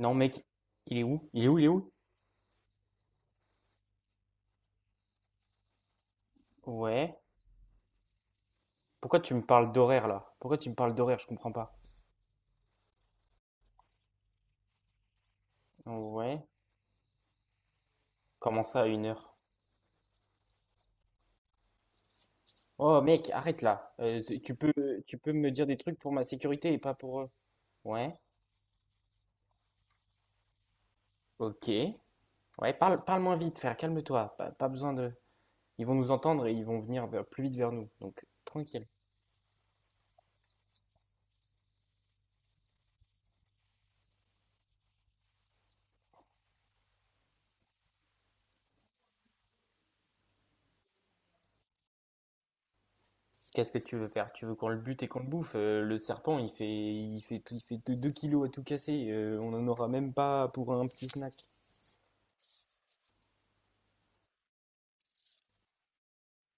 Non, mec, il est où? Il est où? Il est où? Ouais. Pourquoi tu me parles d'horaire là? Pourquoi tu me parles d'horaire? Je comprends pas. Ouais. Comment ça à une heure? Oh, mec, arrête là. Tu peux me dire des trucs pour ma sécurité et pas pour eux. Ouais. Ok. Ouais, parle, parle moins vite, frère. Calme-toi. Pas besoin de. Ils vont nous entendre et ils vont venir plus vite vers nous. Donc tranquille. Qu'est-ce que tu veux faire? Tu veux qu'on le bute et qu'on le bouffe? Le serpent, il fait 2 kilos à tout casser. On en aura même pas pour un petit snack.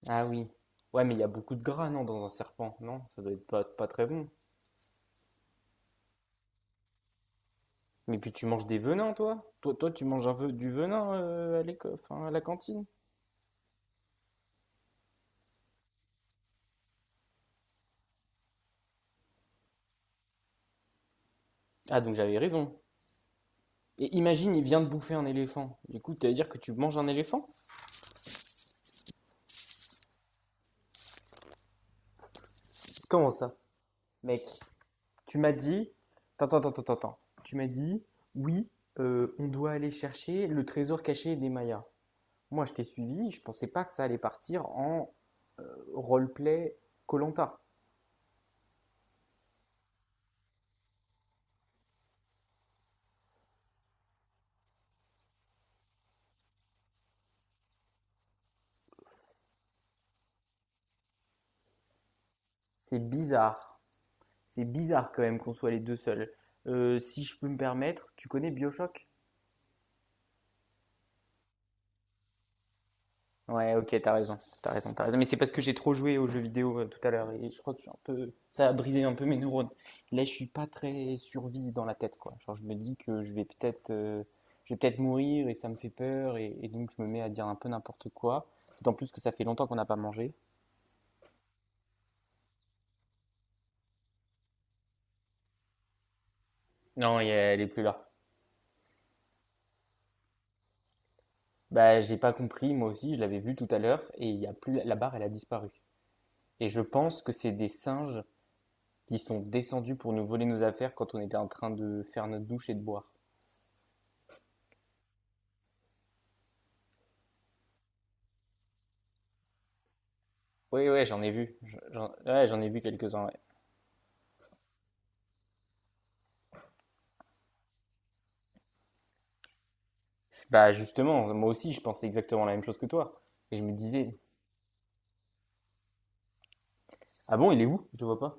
Ah oui. Ouais, mais il y a beaucoup de gras, non, dans un serpent, non? Ça doit être pas très bon. Mais puis tu manges des venins, toi? Toi tu manges un du venin, à enfin, à la cantine. Ah, donc j'avais raison. Et imagine, il vient de bouffer un éléphant. Du coup, tu vas dire que tu manges un éléphant? Comment ça? Mec, tu m'as dit... Attends, attends, attends, attends. Tu m'as dit, oui, on doit aller chercher le trésor caché des Mayas. Moi, je t'ai suivi, je pensais pas que ça allait partir en roleplay koh. C'est bizarre. C'est bizarre quand même qu'on soit les deux seuls. Si je peux me permettre, tu connais BioShock? Ouais, ok, t'as raison, t'as raison, t'as raison. Mais c'est parce que j'ai trop joué aux jeux vidéo, tout à l'heure et je crois que je suis un peu, ça a brisé un peu mes neurones. Là, je suis pas très survie dans la tête, quoi. Genre, je me dis que je vais peut-être mourir et ça me fait peur , et donc je me mets à dire un peu n'importe quoi. D'autant plus que ça fait longtemps qu'on n'a pas mangé. Non, elle est plus là. Bah, j'ai pas compris, moi aussi, je l'avais vu tout à l'heure et il y a plus la barre, elle a disparu. Et je pense que c'est des singes qui sont descendus pour nous voler nos affaires quand on était en train de faire notre douche et de boire. Oui, ouais, j'en ai vu. J'en ouais, j'en ai vu quelques-uns. Ouais. Bah justement, moi aussi, je pensais exactement la même chose que toi. Et je me disais, ah bon, il est où? Je le vois pas.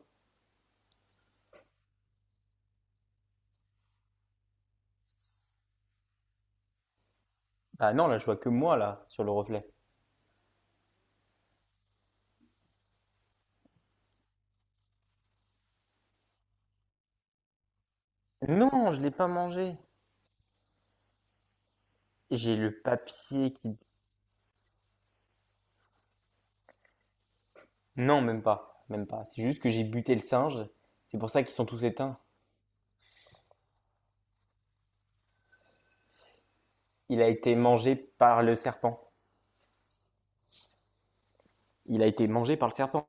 Bah non, là, je vois que moi, là, sur le reflet. Non, je l'ai pas mangé. J'ai le papier qui... Non, même pas, même pas. C'est juste que j'ai buté le singe. C'est pour ça qu'ils sont tous éteints. Il a été mangé par le serpent. Il a été mangé par le serpent.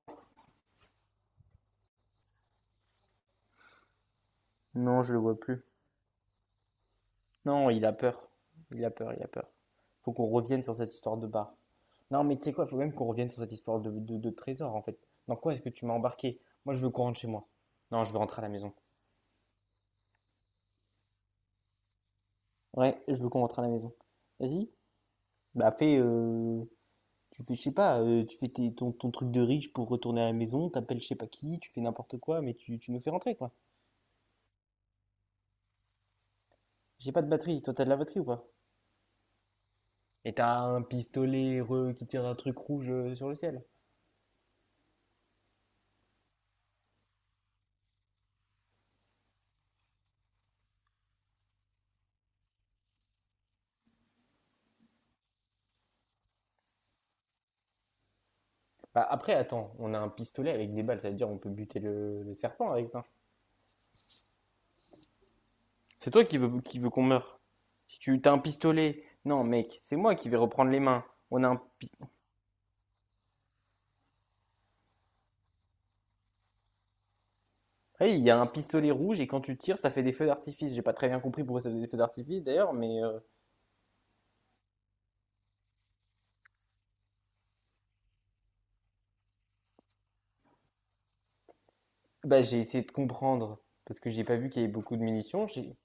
Non, je le vois plus. Non, il a peur. Il a peur, il a peur. Faut qu'on revienne sur cette histoire de bar. Non, mais tu sais quoi, faut même qu'on revienne sur cette histoire de trésor en fait. Dans quoi est-ce que tu m'as embarqué? Moi, je veux qu'on rentre chez moi. Non, je veux rentrer à la maison. Ouais, je veux qu'on rentre à la maison. Vas-y. Bah tu fais, je sais pas, tu fais ton truc de riche pour retourner à la maison, t'appelles je sais pas qui, tu fais n'importe quoi, mais tu nous fais rentrer quoi. J'ai pas de batterie, toi t'as de la batterie ou pas? Et t'as un pistolet, qui tire un truc rouge, sur le ciel. Bah après, attends, on a un pistolet avec des balles, ça veut dire on peut buter le serpent avec ça. C'est toi qui veux qu'on meure. Si tu t'as un pistolet. Non, mec, c'est moi qui vais reprendre les mains. On a un pi-. Hey, il y a un pistolet rouge et quand tu tires, ça fait des feux d'artifice. J'ai pas très bien compris pourquoi ça faisait des feux d'artifice d'ailleurs, mais bah, j'ai essayé de comprendre parce que j'ai pas vu qu'il y avait beaucoup de munitions. J'ai...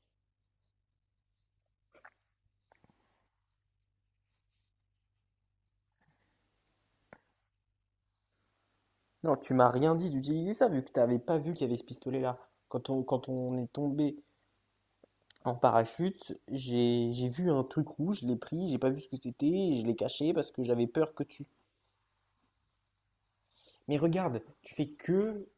Non, tu m'as rien dit d'utiliser ça vu que t'avais pas vu qu'il y avait ce pistolet-là. Quand on est tombé en parachute, j'ai vu un truc rouge, je l'ai pris, j'ai pas vu ce que c'était, je l'ai caché parce que j'avais peur que tu. Mais regarde, tu fais que.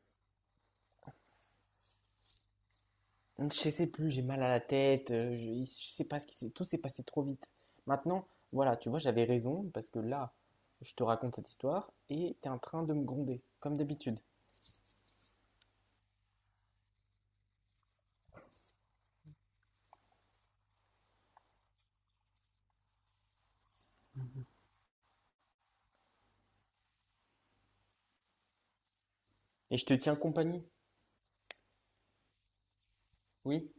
Je sais plus, j'ai mal à la tête, je sais pas ce qui s'est, tout s'est passé trop vite. Maintenant, voilà, tu vois, j'avais raison parce que là, je te raconte cette histoire et t'es en train de me gronder, comme d'habitude. Et je te tiens compagnie. Oui,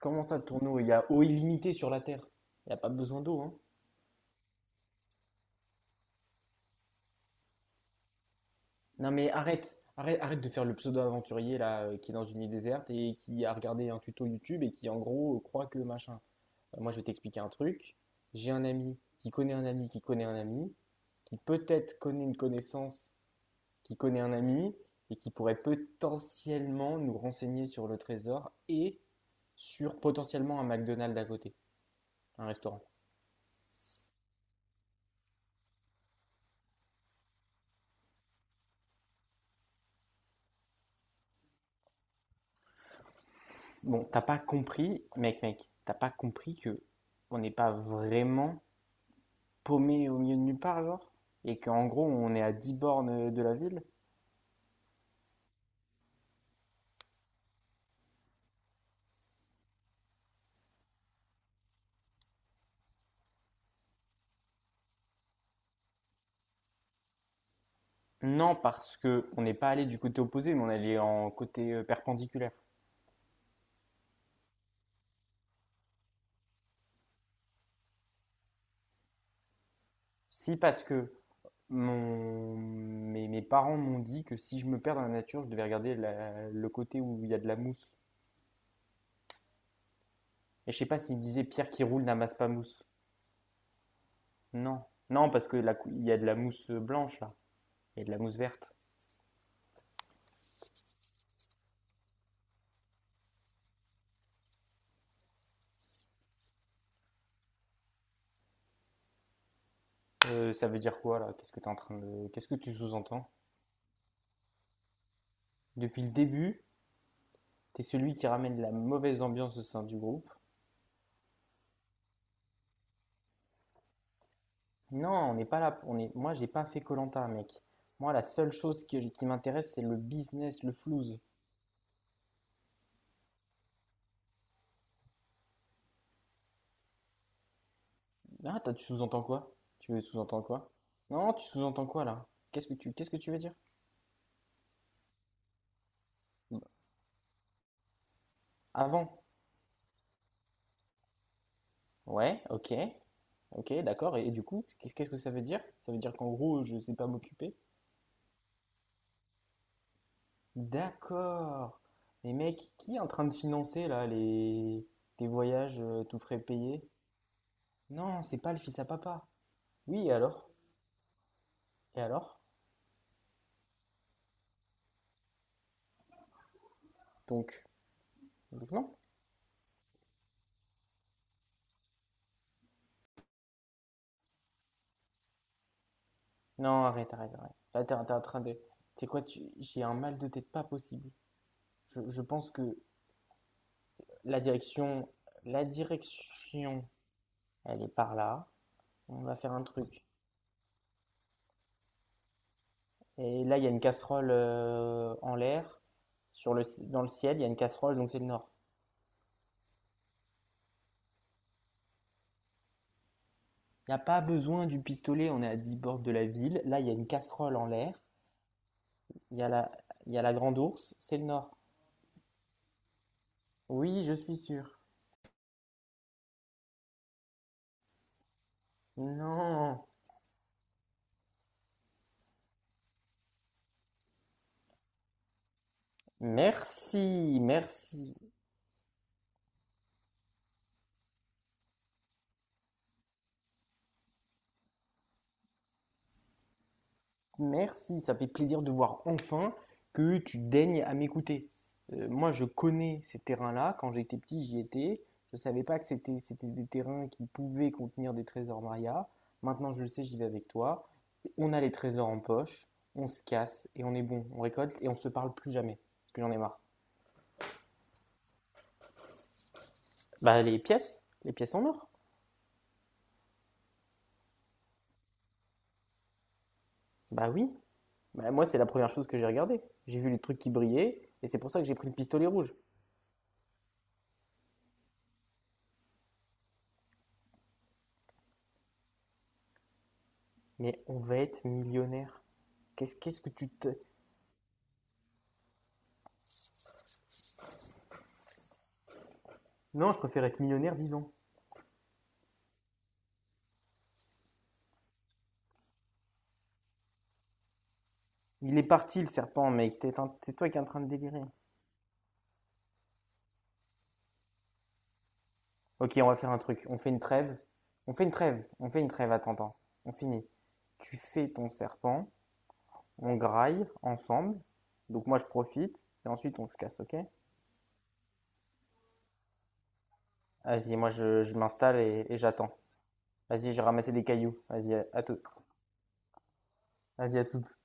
comment ça, ton eau? Il y a eau illimitée sur la Terre. Il n'y a pas besoin d'eau, hein. Non mais arrête, arrête, arrête de faire le pseudo-aventurier là, qui est dans une île déserte et qui a regardé un tuto YouTube et qui en gros, croit que machin. Moi, je vais t'expliquer un truc. J'ai un ami qui connaît un ami qui connaît un ami qui peut-être connaît une connaissance, qui connaît un ami, et qui pourrait potentiellement nous renseigner sur le trésor et sur potentiellement un McDonald's à côté, un restaurant. Bon, t'as pas compris, mec, t'as pas compris que on n'est pas vraiment paumé au milieu de nulle part, genre. Et qu'en gros, on est à 10 bornes de la ville. Non, parce que on n'est pas allé du côté opposé, mais on est allé en côté, perpendiculaire. Si, parce que mes parents m'ont dit que si je me perds dans la nature, je devais regarder le côté où il y a de la mousse. Et je sais pas s'ils me disaient pierre qui roule n'amasse pas mousse. Non, non, parce que il y a de la mousse blanche là, il y a de la mousse verte. Ça veut dire quoi là? Qu'est-ce que t'es en train de... Qu'est-ce que tu sous-entends? Depuis le début, t'es celui qui ramène la mauvaise ambiance au sein du groupe. Non, on n'est pas là. On est... Moi, j'ai pas fait koh, mec. Moi, la seule chose qui m'intéresse, c'est le business, le flouze. Ah, tu sous-entends quoi? Tu sous-entends quoi? Non, tu sous-entends quoi là? Qu'est-ce que tu veux dire? Avant. Ouais, ok, d'accord. Et du coup, qu'est-ce que ça veut dire? Ça veut dire qu'en gros, je sais pas m'occuper. D'accord. Mais mec, qui est en train de financer là les tes voyages, tout frais payés? Non, c'est pas le fils à papa. Oui, et alors? Et alors? Donc, donc non? Non, arrête, arrête, arrête. Là, t'es en train de. C'est quoi, tu... j'ai un mal de tête pas possible. Je pense que. La direction, la direction, elle est par là. On va faire un truc. Et là, il y a une casserole, en l'air. Sur le, dans le ciel, il y a une casserole, donc c'est le nord. Il n'y a pas besoin du pistolet, on est à 10 bords de la ville. Là, il y a une casserole en l'air. Il y a la, il y a la grande ours, c'est le nord. Oui, je suis sûr. Non. Merci, merci. Merci, ça fait plaisir de voir enfin que tu daignes à m'écouter. Moi, je connais ces terrains-là. Quand j'étais petit, j'y étais. Je ne savais pas que c'était des terrains qui pouvaient contenir des trésors Maria. Maintenant, je le sais, j'y vais avec toi. On a les trésors en poche, on se casse et on est bon. On récolte et on ne se parle plus jamais. Parce que j'en ai marre. Bah, les pièces en or. Bah oui. Bah, moi, c'est la première chose que j'ai regardée. J'ai vu les trucs qui brillaient et c'est pour ça que j'ai pris le pistolet rouge. Mais on va être millionnaire. Qu'est-ce que tu te-. Non, je préfère être millionnaire vivant. Il est parti le serpent, mec. T'es c'est toi qui es en train de délirer. Ok, on va faire un truc. On fait une trêve. On fait une trêve. On fait une trêve, attends, attends. On finit. Tu fais ton serpent. On graille ensemble. Donc moi, je profite. Et ensuite, on se casse, ok? Vas-y, moi, je m'installe , et j'attends. Vas-y, j'ai ramassé des cailloux. Vas-y, à tout. Vas-y, à toutes.